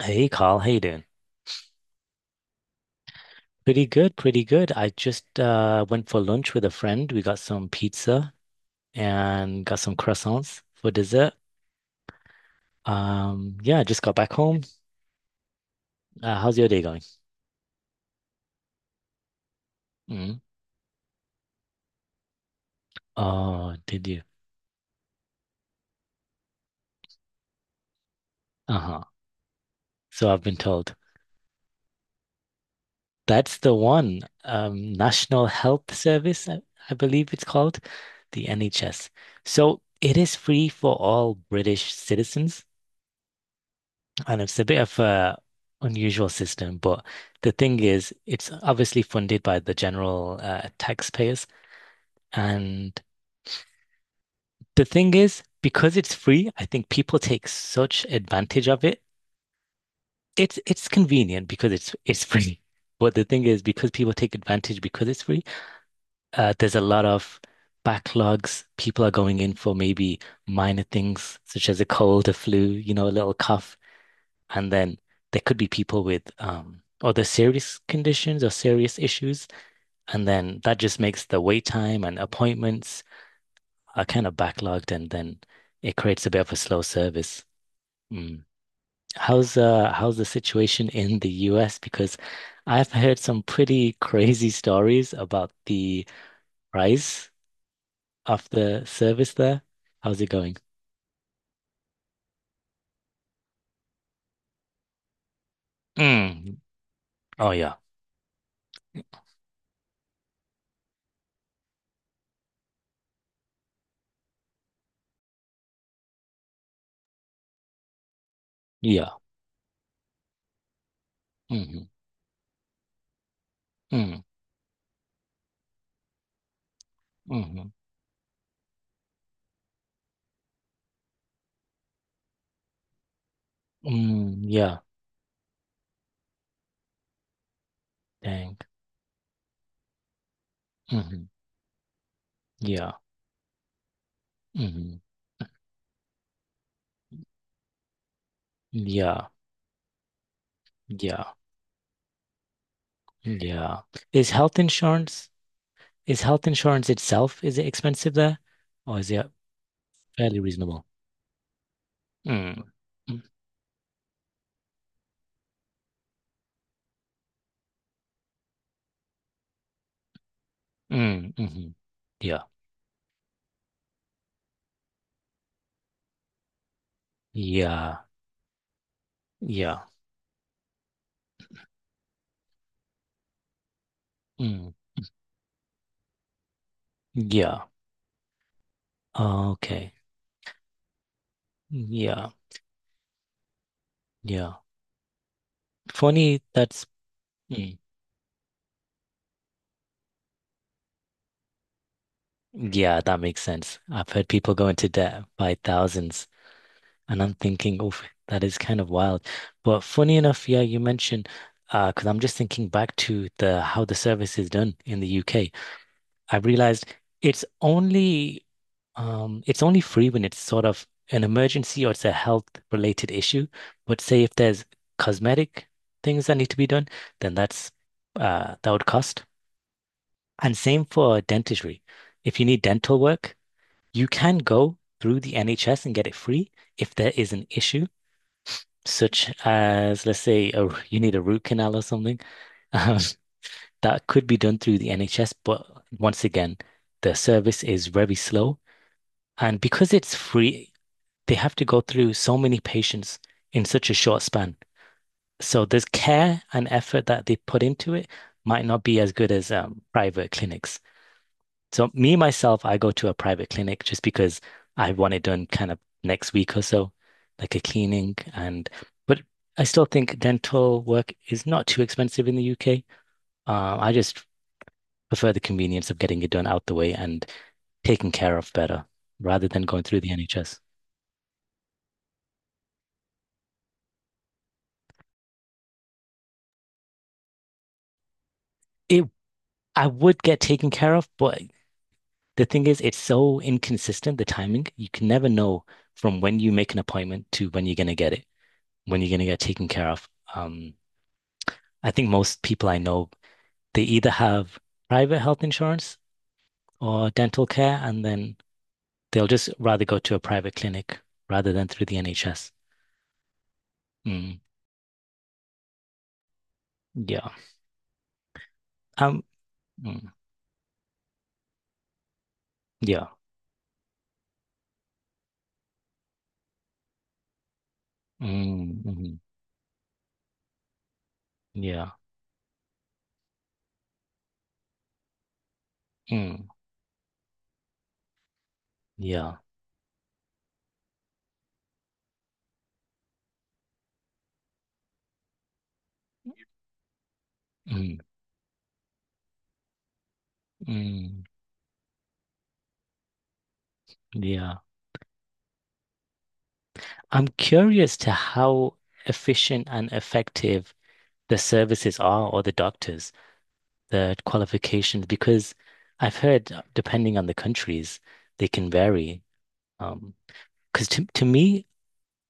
Hey Carl, how you doing? Pretty good, pretty good. I just went for lunch with a friend. We got some pizza and got some croissants for dessert. Yeah, just got back home. How's your day going? Mm. Oh, did you? Uh-huh. So I've been told. That's the one. National Health Service, I believe it's called, the NHS. So it is free for all British citizens. And it's a bit of a unusual system, but the thing is, it's obviously funded by the general taxpayers. And the thing is, because it's free, I think people take such advantage of it. It's convenient because it's free. But the thing is, because people take advantage because it's free, there's a lot of backlogs. People are going in for maybe minor things such as a cold, a flu, you know, a little cough. And then there could be people with other serious conditions or serious issues. And then that just makes the wait time and appointments are kind of backlogged, and then it creates a bit of a slow service. Mm. How's the situation in the US? Because I've heard some pretty crazy stories about the price of the service there. How's it going? Mm. Oh yeah. Yeah. Mm-hmm. Mm. Mm-hmm. Mm. Yeah. Dang. Mm-hmm. Yeah. Hmm. Yeah. Yeah. Yeah. Is health insurance, is health insurance itself, is it expensive there? Or is it fairly reasonable? Mm. Mm. Mm. Hmm. Yeah. Yeah. Yeah. Mm. Yeah. Okay. Yeah. Yeah. Funny, that's mm. Yeah, that makes sense. I've heard people go into debt by thousands. And I'm thinking, oh, that is kind of wild. But funny enough, yeah, you mentioned because I'm just thinking back to the how the service is done in the UK. I realized it's only it's only free when it's sort of an emergency or it's a health related issue. But say if there's cosmetic things that need to be done, then that's that would cost. And same for dentistry. If you need dental work, you can go through the NHS and get it free if there is an issue such as, let's say, a, you need a root canal or something, um, that could be done through the NHS. But once again, the service is very slow. And because it's free, they have to go through so many patients in such a short span. So there's care and effort that they put into it might not be as good as private clinics. So me, myself, I go to a private clinic just because I want it done kind of next week or so, like a cleaning and but I still think dental work is not too expensive in the UK. I just prefer the convenience of getting it done out the way and taken care of better rather than going through the NHS. It I would get taken care of, but the thing is it's so inconsistent, the timing. You can never know from when you make an appointment to when you're gonna get it, when you're gonna get taken care of. Um, I think most people I know, they either have private health insurance or dental care, and then they'll just rather go to a private clinic rather than through the NHS. Mm, yeah. Um, mm, yeah. Mm, mhm, yeah. Mm, yeah. Mm, mm, yeah. I'm curious to how efficient and effective the services are or the doctors, the qualifications, because I've heard, depending on the countries, they can vary. Um, Because to me,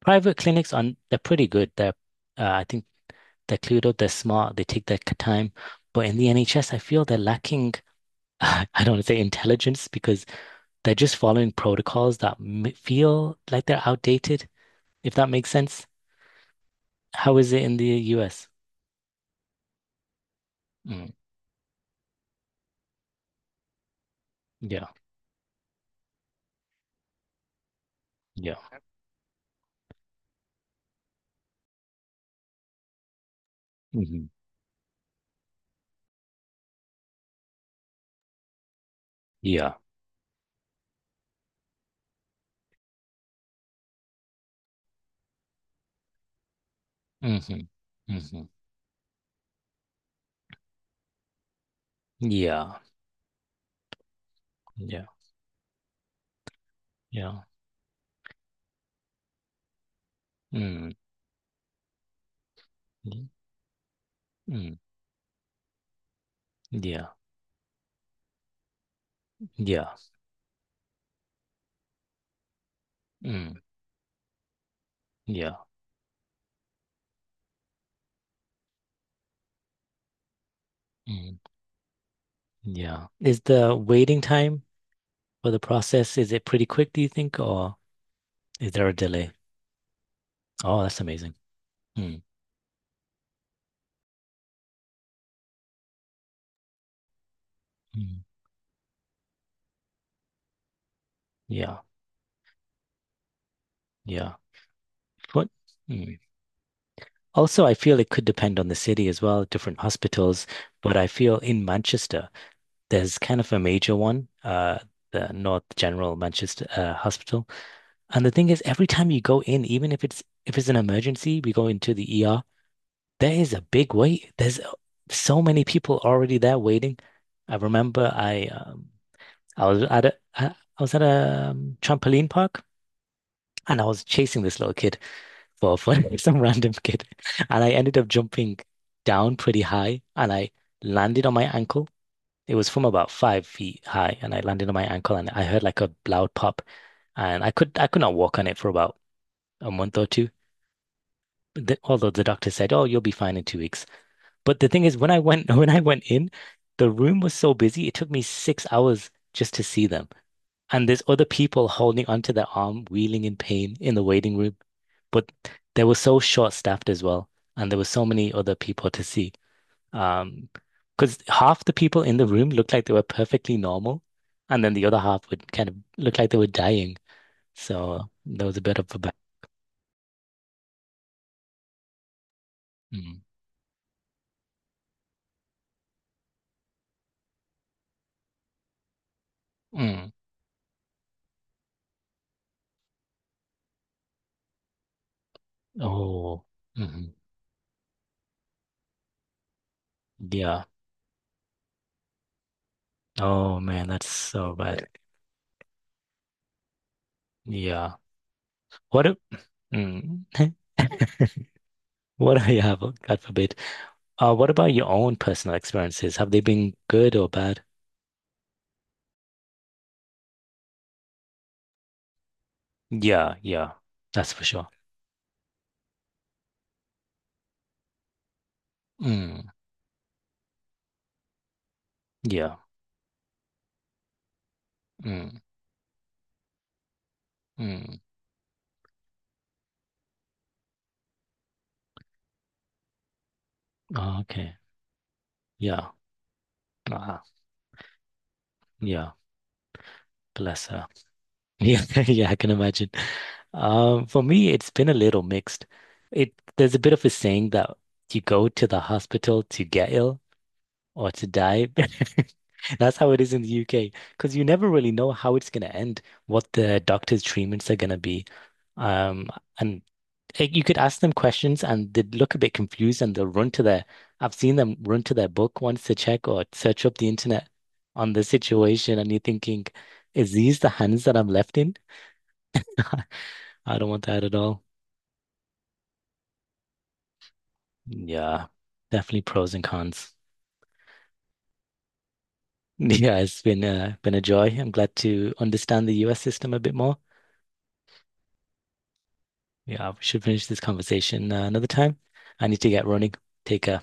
private clinics are they're pretty good. They're I think they're clued up, they're smart, they take their time. But in the NHS, I feel they're lacking, I don't want to say intelligence because they're just following protocols that m feel like they're outdated, if that makes sense. How is it in the US? Mm, yeah, yeah, hmm yeah, hmm hmm yeah, yeah, yeah, mm, mm, yeah, yeah, mm, yeah. Mm. Yeah. Is the waiting time for the process, is it pretty quick, do you think, or is there a delay? Oh, that's amazing. Mm, mm. Yeah, yeah. What? Mm. Also, I feel it could depend on the city as well, different hospitals, but I feel in Manchester, there's kind of a major one, the North General Manchester Hospital. And the thing is, every time you go in, even if it's an emergency, we go into the ER. There is a big wait. There's so many people already there waiting. I remember I was at a I was at a trampoline park and I was chasing this little kid for some random kid, and I ended up jumping down pretty high and I landed on my ankle. It was from about 5 feet high, and I landed on my ankle and I heard like a loud pop, and I could not walk on it for about a month or two. But the, although the doctor said, "Oh, you'll be fine in 2 weeks." But the thing is, when I went when I went in, the room was so busy, it took me 6 hours just to see them. And there's other people holding onto their arm, wheeling in pain in the waiting room. But they were so short-staffed as well, and there were so many other people to see. Um, because half the people in the room looked like they were perfectly normal, and then the other half would kind of look like they were dying. So there was a bit of a ba- Mm. Mm. Oh, hmm. Yeah. Oh man, that's so bad. Yeah. What a, mm, what I have, God forbid. What about your own personal experiences? Have they been good or bad? Yeah, yeah, that's for sure. Mm, yeah, mm, mm. Oh, okay, yeah, uh, yeah, bless her. Yeah, yeah, I can imagine. For me, it's been a little mixed. It there's a bit of a saying that you go to the hospital to get ill or to die. That's how it is in the UK because you never really know how it's going to end, what the doctor's treatments are going to be. Um, and eh, you could ask them questions and they'd look a bit confused and they'll run to their, I've seen them run to their book once to check or search up the internet on the situation. And you're thinking, is these the hands that I'm left in? I don't want that at all. Yeah, definitely pros and cons. Yeah, it's been a joy. I'm glad to understand the US system a bit more. Yeah, we should finish this conversation another time. I need to get running, take a